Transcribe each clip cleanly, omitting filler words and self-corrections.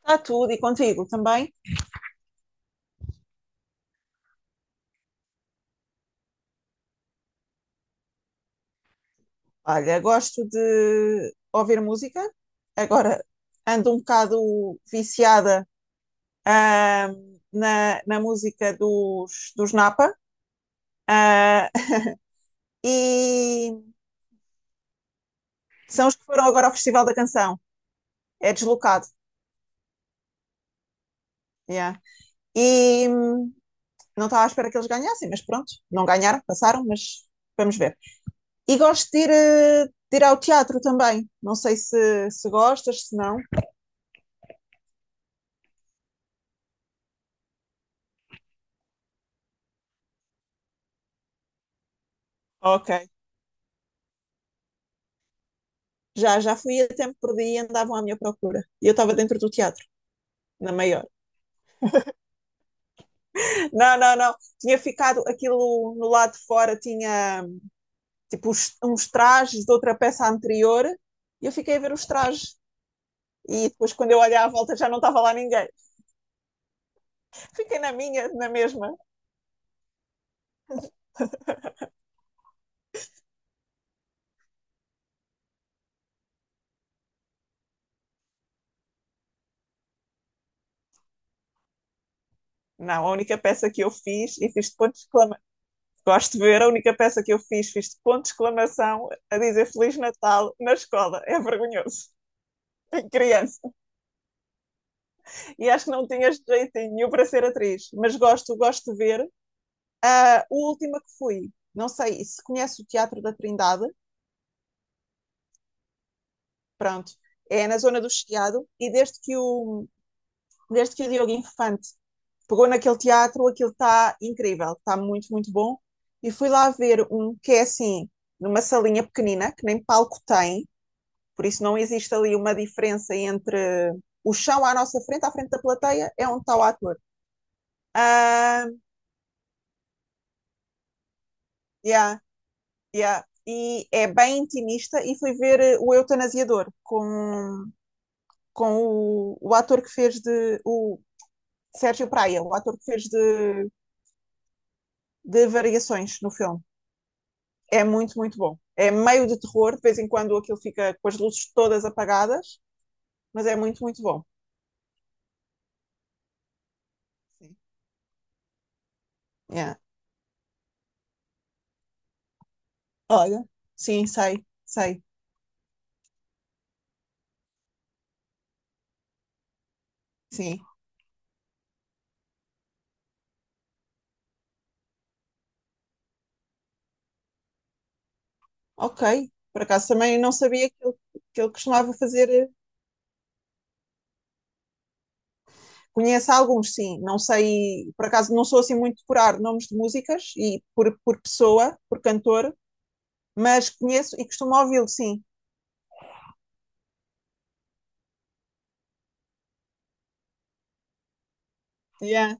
Está tudo e contigo também. Olha, gosto de ouvir música. Agora ando um bocado viciada na música dos Napa. Ah, e são os que foram agora ao Festival da Canção. É deslocado. Yeah. E não estava à espera que eles ganhassem, mas pronto, não ganharam, passaram, mas vamos ver. E gosto de ir ao teatro também. Não sei se gostas, se não. Ok. Já fui a tempo perdi e andavam à minha procura. E eu estava dentro do teatro, na maior. Não, não, não. Tinha ficado aquilo no lado de fora, tinha tipo uns trajes de outra peça anterior e eu fiquei a ver os trajes. E depois, quando eu olhei à volta, já não estava lá ninguém. Fiquei na minha, na mesma. Não, a única peça que eu fiz, e fiz de ponto de exclamação. Gosto de ver, a única peça que eu fiz, fiz de ponto de exclamação a dizer Feliz Natal na escola. É vergonhoso. Em criança. E acho que não tinha jeito nenhum para ser atriz, mas gosto, gosto de ver. A última que fui, não sei se conhece o Teatro da Trindade, pronto, é na zona do Chiado, e desde que o Diogo Infante pegou naquele teatro, aquilo está incrível, está muito, muito bom. E fui lá ver um que é assim, numa salinha pequenina, que nem palco tem, por isso não existe ali uma diferença entre o chão à nossa frente, à frente da plateia, é onde está o ator. Uh, yeah. Yeah. E é bem intimista e fui ver o Eutanasiador com o ator que fez de o Sérgio Praia, o ator que fez de variações no filme. É muito, muito bom. É meio de terror, de vez em quando aquilo fica com as luzes todas apagadas, mas é muito, muito bom. Sim. Yeah. Olha, sim, sei, sei, sim. Ok. Por acaso também não sabia que ele costumava fazer Conheço alguns, sim. Não sei, por acaso não sou assim muito de curar nomes de músicas e por pessoa, por cantor, mas conheço e costumo ouvi-lo, sim. Yeah,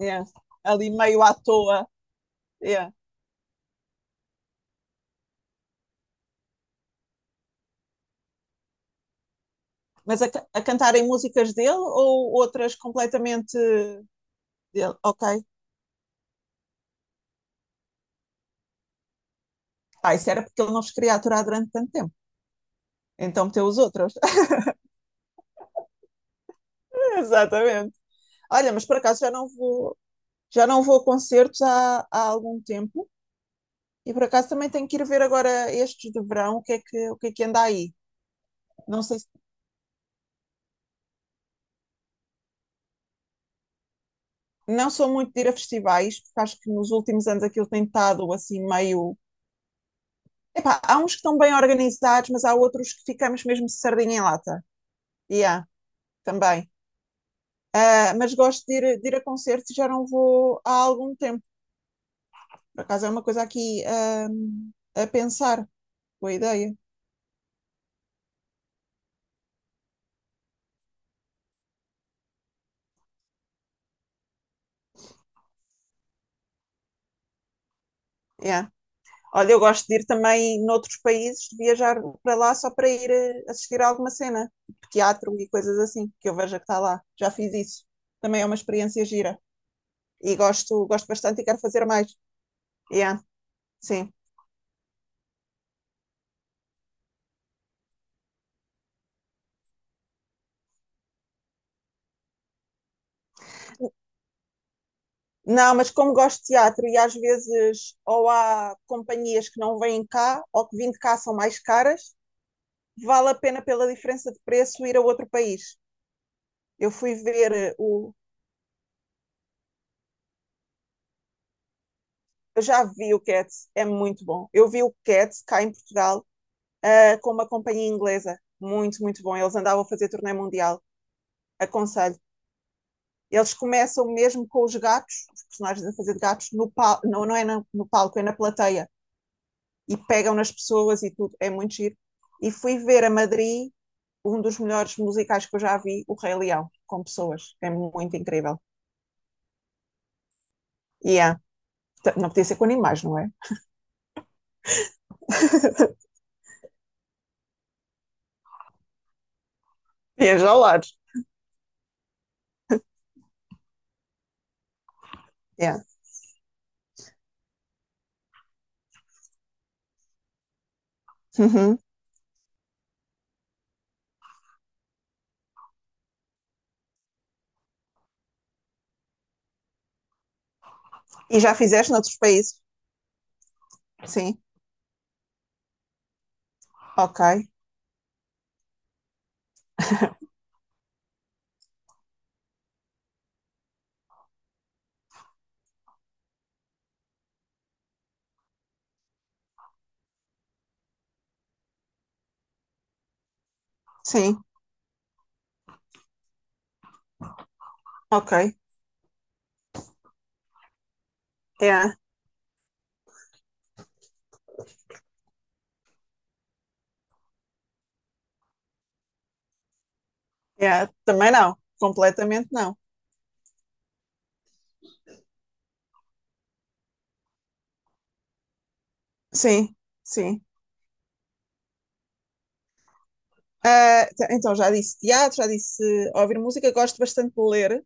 yeah. Ali meio à toa. Yeah. Mas a cantarem músicas dele ou outras completamente dele? Ok. Ah, isso era porque ele não vos queria aturar durante tanto tempo. Então meteu os outros. Exatamente. Olha, mas por acaso já não vou a concertos há algum tempo. E por acaso também tenho que ir ver agora estes de verão, o que é que anda aí. Não sei, não sou muito de ir a festivais, porque acho que nos últimos anos aquilo tem estado assim meio. Epá, há uns que estão bem organizados, mas há outros que ficamos mesmo de sardinha em lata. E há, também. Ah, mas gosto de ir a concertos e já não vou há algum tempo. Por acaso é uma coisa aqui, a pensar. Boa ideia. Yeah. Olha, eu gosto de ir também noutros países, de viajar para lá só para ir assistir a alguma cena, tipo teatro e coisas assim, que eu veja que está lá. Já fiz isso. Também é uma experiência gira. E gosto, gosto bastante e quero fazer mais. Yeah, sim. Não, mas como gosto de teatro e às vezes ou há companhias que não vêm cá ou que vêm de cá são mais caras, vale a pena pela diferença de preço ir a outro país. Eu fui ver o. Eu já vi o Cats, é muito bom. Eu vi o Cats cá em Portugal com uma companhia inglesa. Muito, muito bom. Eles andavam a fazer turnê mundial. Aconselho. Eles começam mesmo com os gatos, os personagens a fazer de gatos, no pal não, não é no palco, é na plateia. E pegam nas pessoas e tudo. É muito giro. E fui ver a Madrid um dos melhores musicais que eu já vi, O Rei Leão, com pessoas. É muito incrível. E yeah. Não podia ser com animais, não é? Viaja já ao lado. Yeah. Uhum. E já fizeste noutros países? Sim. Ok. Sim. Ok. É. Yeah, também não, completamente não. Sim, sim. Ah, então já disse teatro, já disse ouvir música, gosto bastante de ler.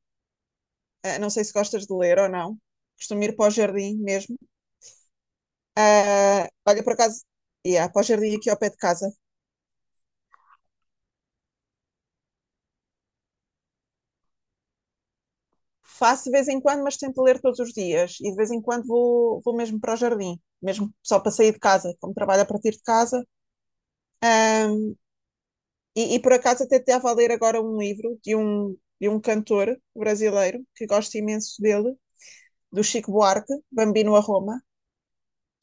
Ah, não sei se gostas de ler ou não. Costumo ir para o jardim mesmo. Ah, olha, por acaso, yeah, para o jardim aqui ao pé de casa. Faço de vez em quando, mas tento ler todos os dias. E de vez em quando vou mesmo para o jardim, mesmo só para sair de casa, como trabalho a partir de casa. E por acaso até estava a ler agora um livro de um cantor brasileiro que gosto imenso dele do Chico Buarque, Bambino a Roma,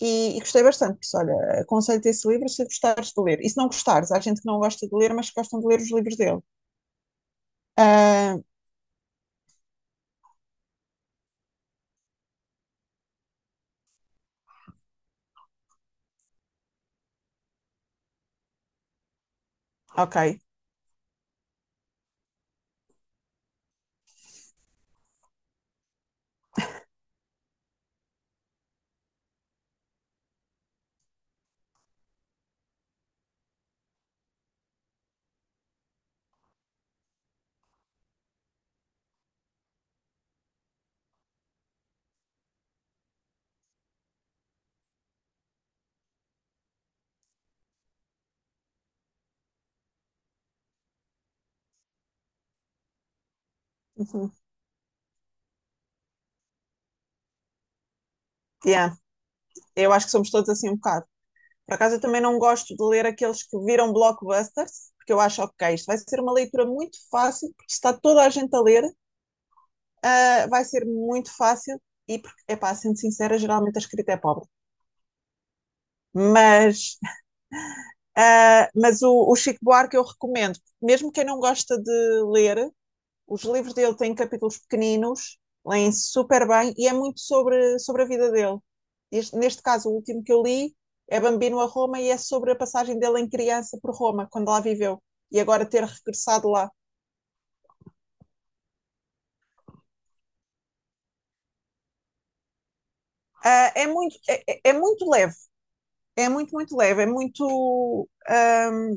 e gostei bastante. Por isso, olha, aconselho-te esse livro se gostares de ler. E se não gostares, há gente que não gosta de ler, mas que gostam de ler os livros dele. Ah, ok. Uhum. Yeah. Eu acho que somos todos assim um bocado. Por acaso, eu também não gosto de ler aqueles que viram blockbusters, porque eu acho, ok, isto vai ser uma leitura muito fácil, porque se está toda a gente a ler, vai ser muito fácil, e, é pá, sendo sincera, geralmente a escrita é pobre. Mas o Chico Buarque eu recomendo, mesmo quem não gosta de ler, os livros dele têm capítulos pequeninos, leem super bem e é muito sobre a vida dele. Este, neste caso, o último que eu li é Bambino a Roma e é sobre a passagem dele em criança por Roma, quando lá viveu, e agora ter regressado lá. É, muito, é muito leve, é muito, muito leve, é muito. Uh,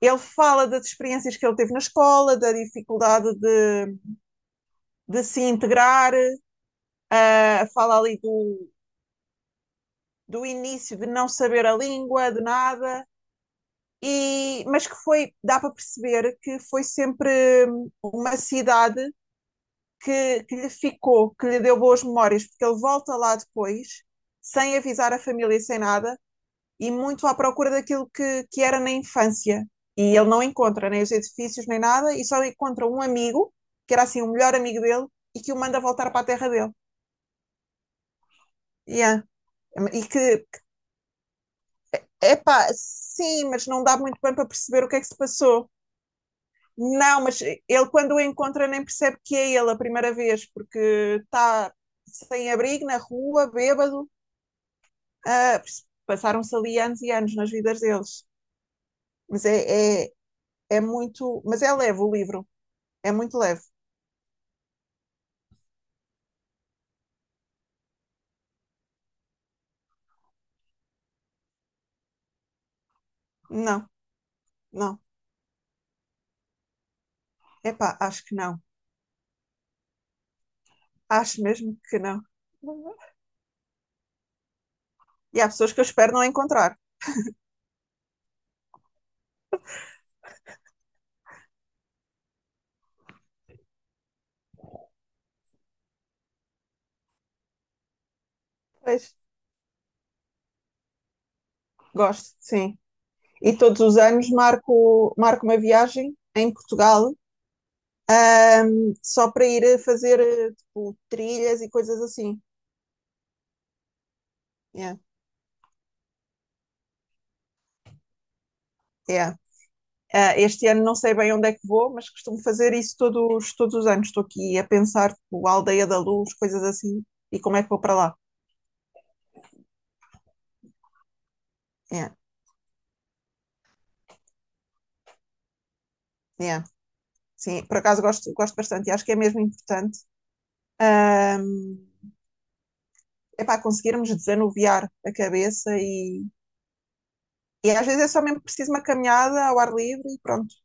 ele fala das experiências que ele teve na escola, da dificuldade de se integrar, fala ali do início de não saber a língua, de nada, mas que foi, dá para perceber que foi sempre uma cidade que lhe ficou, que lhe deu boas memórias, porque ele volta lá depois, sem avisar a família, sem nada, e muito à procura daquilo que era na infância. E ele não encontra nem os edifícios, nem nada, e só encontra um amigo, que era assim o melhor amigo dele, e que o manda voltar para a terra dele. Yeah. E que Epá, sim, mas não dá muito bem para perceber o que é que se passou. Não, mas ele quando o encontra nem percebe que é ele a primeira vez, porque está sem abrigo na rua, bêbado. Ah, passaram-se ali anos e anos nas vidas deles. Mas é muito. Mas é leve o livro. É muito leve. Não, não. Epá, acho que não. Acho mesmo que não. E há pessoas que eu espero não encontrar. Pois. Gosto, sim. E todos os anos marco, marco uma viagem em Portugal só para ir fazer tipo, trilhas e coisas assim. Yeah, yeah. Ah, este ano não sei bem onde é que vou, mas costumo fazer isso todos, todos os anos. Estou aqui a pensar, tipo, a Aldeia da Luz, coisas assim, e como é que vou para lá. Yeah, yeah. Sim, por acaso gosto, gosto bastante e acho que é mesmo importante. É para conseguirmos desanuviar a cabeça e às vezes é só mesmo preciso uma caminhada ao ar livre e pronto.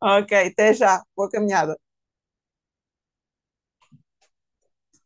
Ok, até já, boa caminhada.